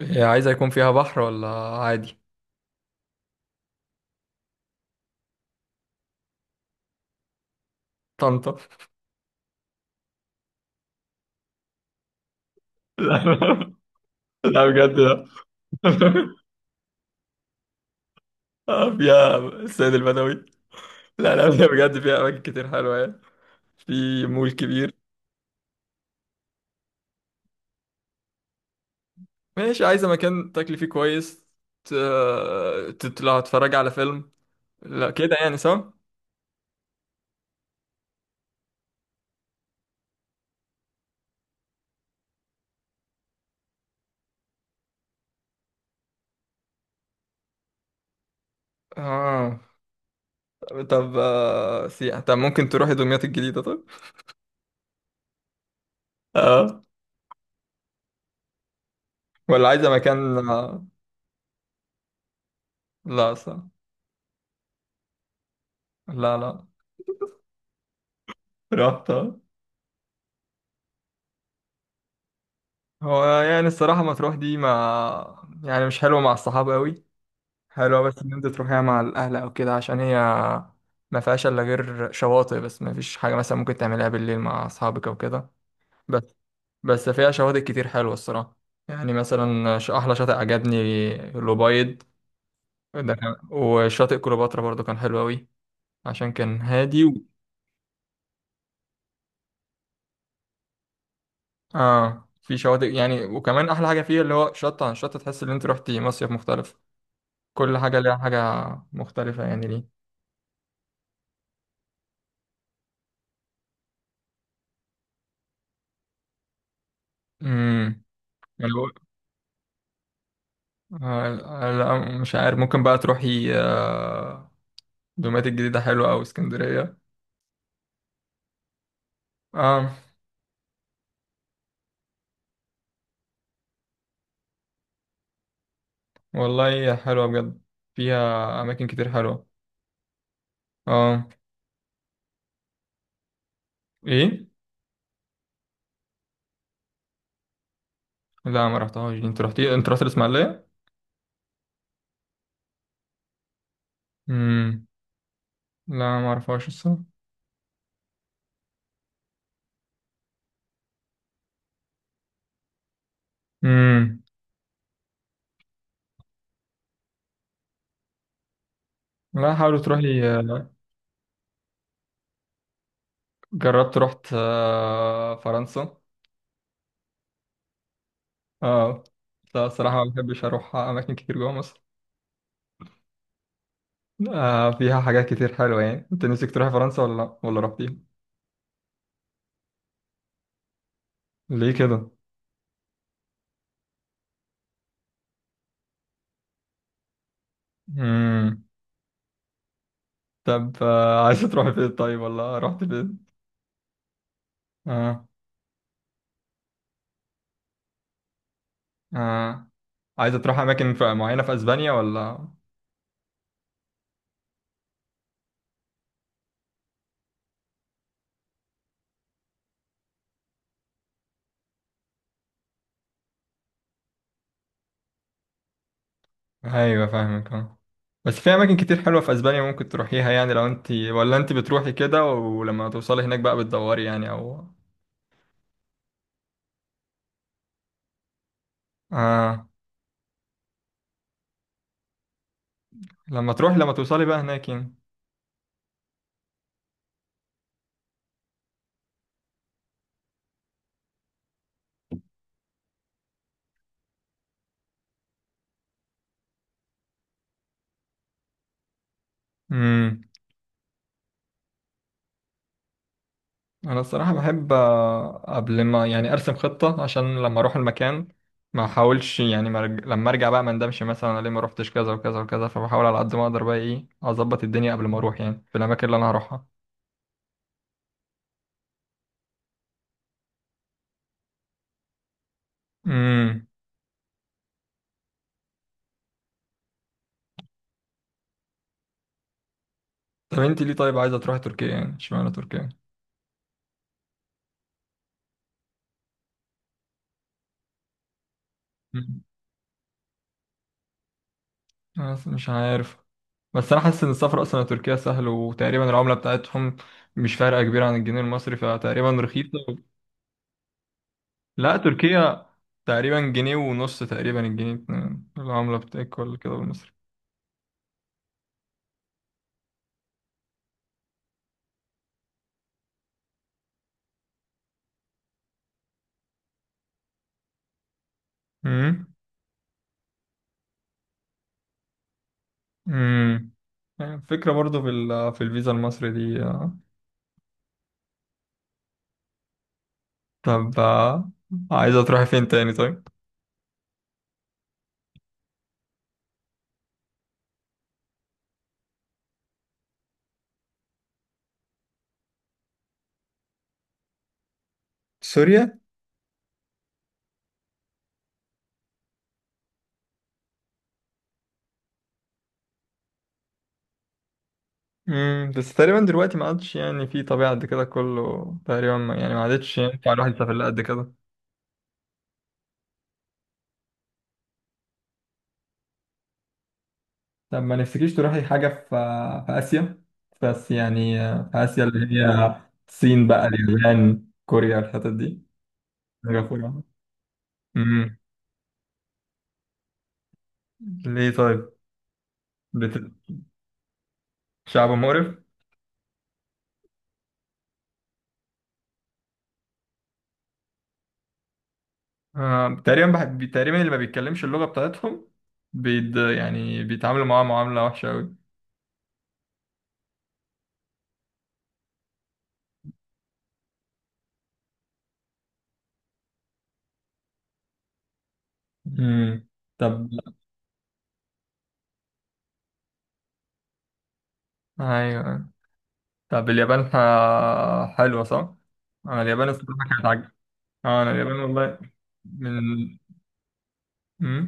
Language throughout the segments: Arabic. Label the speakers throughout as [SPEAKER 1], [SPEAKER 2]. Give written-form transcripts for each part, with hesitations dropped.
[SPEAKER 1] هي عايزة يكون فيها بحر ولا عادي؟ طنطا. لا. لا بجد لا. آه، فيها السيد البدوي. لا، لا، فيها بجد. فيها أماكن كتير حلوة يعني. في مول كبير. ماشي، عايزة مكان تاكلي فيه كويس، تطلع تتفرج على فيلم، لا كده يعني، صح؟ اه. طب سياحة. طب ممكن تروحي دمياط الجديدة طب؟ اه. ولا عايزة مكان. لا، صح. لا، لا. رحت. هو يعني الصراحة مطروح دي ما يعني مش حلوة مع الصحاب قوي. حلوة بس إن أنت تروحيها مع الأهل أو كده، عشان هي ما فيهاش إلا غير شواطئ، بس ما فيش حاجة مثلا ممكن تعملها بالليل مع أصحابك أو كده. بس. بس فيها شواطئ كتير حلوة الصراحة. يعني مثلا أحلى شاطئ عجبني الأبيض. ده كان، وشاطئ كليوباترا برضو كان حلو أوي. عشان كان هادي. آه، في شواطئ يعني، وكمان أحلى حاجة فيه اللي هو شط عن شط، تحس إن أنت روحتي مصيف مختلف. كل حاجة ليها حاجة مختلفة يعني ليه. امم يعني بقول- آه، لا مش عارف، ممكن بقى تروحي دومات الجديدة حلوة، أو اسكندرية. اه. والله حلوة بجد، فيها أماكن كتير حلوة. اه. ايه. لا، ما رحتهاش دي. انت رحت الإسماعيلية. امم. لا، ما اعرفهاش الصراحة. امم. لا، حاولت تروحي. جربت، رحت فرنسا. اه. لا الصراحة ما بحبش أروح أماكن كتير جوه مصر. آه، فيها حاجات كتير حلوة يعني. انت نفسك تروحي فرنسا ولا لا، ولا رحتيها؟ ليه كده؟ امم. طب عايزة تروحي فين طيب، ولا رحت فين؟ اه. اه. عايزة تروحي اماكن معينة في اسبانيا ولا؟ ايوه فاهمك، اه. بس في اماكن كتير حلوة في اسبانيا ممكن تروحيها يعني. لو انت، ولا انت بتروحي كده، ولما توصلي هناك بقى بتدوري يعني، او… اه. لما توصلي بقى هناك. يعني انا الصراحه بحب قبل ما، يعني، ارسم خطه، عشان لما اروح المكان ما احاولش يعني لما ارجع بقى ما اندمش. مثلا انا ليه ما روحتش كذا وكذا وكذا، فبحاول على قد ما اقدر بقى ايه، اظبط الدنيا قبل ما اروح يعني في الاماكن اللي انا هروحها. امم. طب انت ليه طيب عايزه تروحي تركيا، يعني اشمعنى تركيا؟ مم. انا أصلاً مش عارف. بس انا حاسس ان السفر اصلا لتركيا سهل، وتقريبا العمله بتاعتهم مش فارقه كبيره عن الجنيه المصري، فتقريبا رخيصه. لا، تركيا تقريبا جنيه ونص، تقريبا الجنيه اتنين. العملة بتاعك ولا كده بالمصري؟ امم. امم. يعني فكرة برضو في في الفيزا المصري دي. طب عايزة تروحي فين تاني طيب؟ سوريا؟ امم. بس تقريبا دلوقتي ما عادش، يعني، في طبيعة قد كده. كله تقريبا يعني ما عادتش يعني ينفع الواحد يسافر لها قد كده. طب ما نفسكيش تروحي حاجة في آسيا؟ بس يعني في آسيا اللي هي الصين بقى، اليابان، كوريا، الحتت دي، سنغافورة. ليه طيب؟ بت... شعب مقرف. تقريبا اللي ما بيتكلمش اللغة بتاعتهم، يعني بيتعاملوا معاها معاملة وحشة أوي. امم. طب. أيوة. طب اليابان حلوة صح؟ أنا اليابان الصراحة كانت عاجبة. آه، أنا اليابان والله من مم؟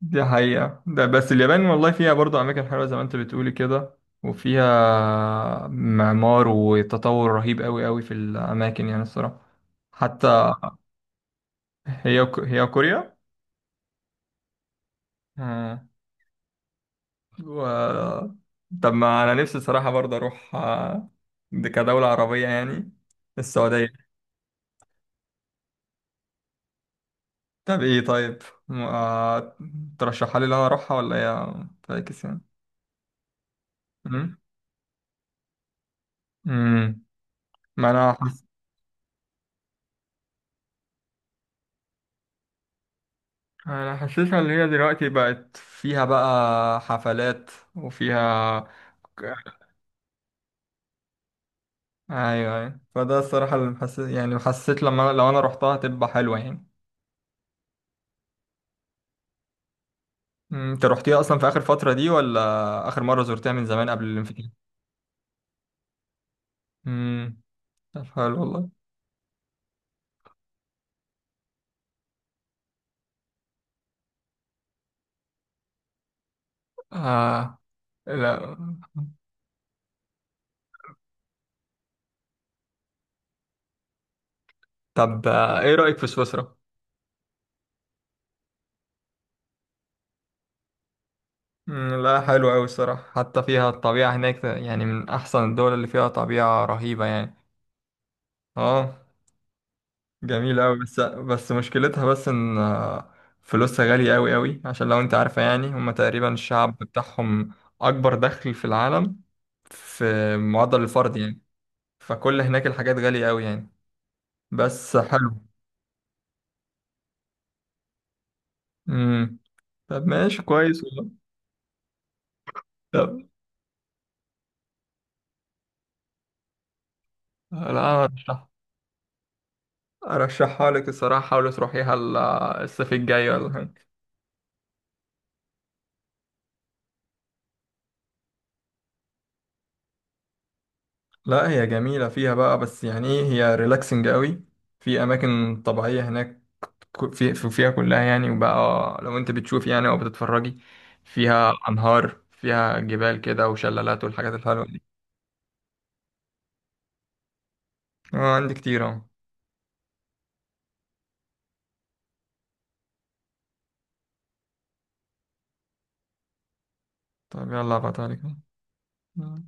[SPEAKER 1] دي حقيقة ده، بس اليابان والله فيها برضه أماكن حلوة زي ما أنت بتقولي كده. وفيها معمار وتطور رهيب أوي أوي في الأماكن، يعني الصراحة. حتى هي هي كوريا آه. و... طب ما انا نفسي صراحة برضه اروح دي كدولة عربية يعني، السعودية. طب ايه طيب؟ م- آه، ترشحها لي ان انا اروحها، ولا هي فاكس يعني؟ مم؟ مم. ما انا حس... انا حاسسها ان هي دلوقتي بقت فيها بقى حفلات، وفيها ك- ايوه، ايوه، فده الصراحة اللي محسس، يعني حسيت لما، لو انا رحتها هتبقى حلوة يعني. مم، انت رحتيها اصلا في اخر فتره دي، ولا اخر مره زرتها من زمان قبل الانفتاح؟ امم. طب حلو والله. آه. لا. طب ايه رايك في سويسرا؟ مم، لا حلو قوي الصراحه، حتى فيها الطبيعه هناك. يعني من احسن الدول اللي فيها طبيعه رهيبه يعني. اه. جميل قوي، بس مشكلتها بس ان فلوسها غاليه قوي قوي. عشان لو انت عارفه يعني، هم تقريبا الشعب بتاعهم اكبر دخل في العالم، في معدل الفرد يعني. فكل هناك الحاجات غاليه قوي يعني، بس حلو. امم. طب ماشي كويس والله. طب. لا، أنا ارشح ارشحها لك الصراحه. حاولي تروحيها الصيف الجاي ولا حاجه. لا هي جميله فيها بقى، بس يعني ايه، هي ريلاكسنج قوي. في اماكن طبيعيه هناك، فيها كلها يعني. وبقى لو انت بتشوفي يعني، او بتتفرجي، فيها انهار، فيها جبال كده، وشلالات، والحاجات الحلوه دي. اه، عندي كتير اهو. طب يلا ابعتها لك، أهو.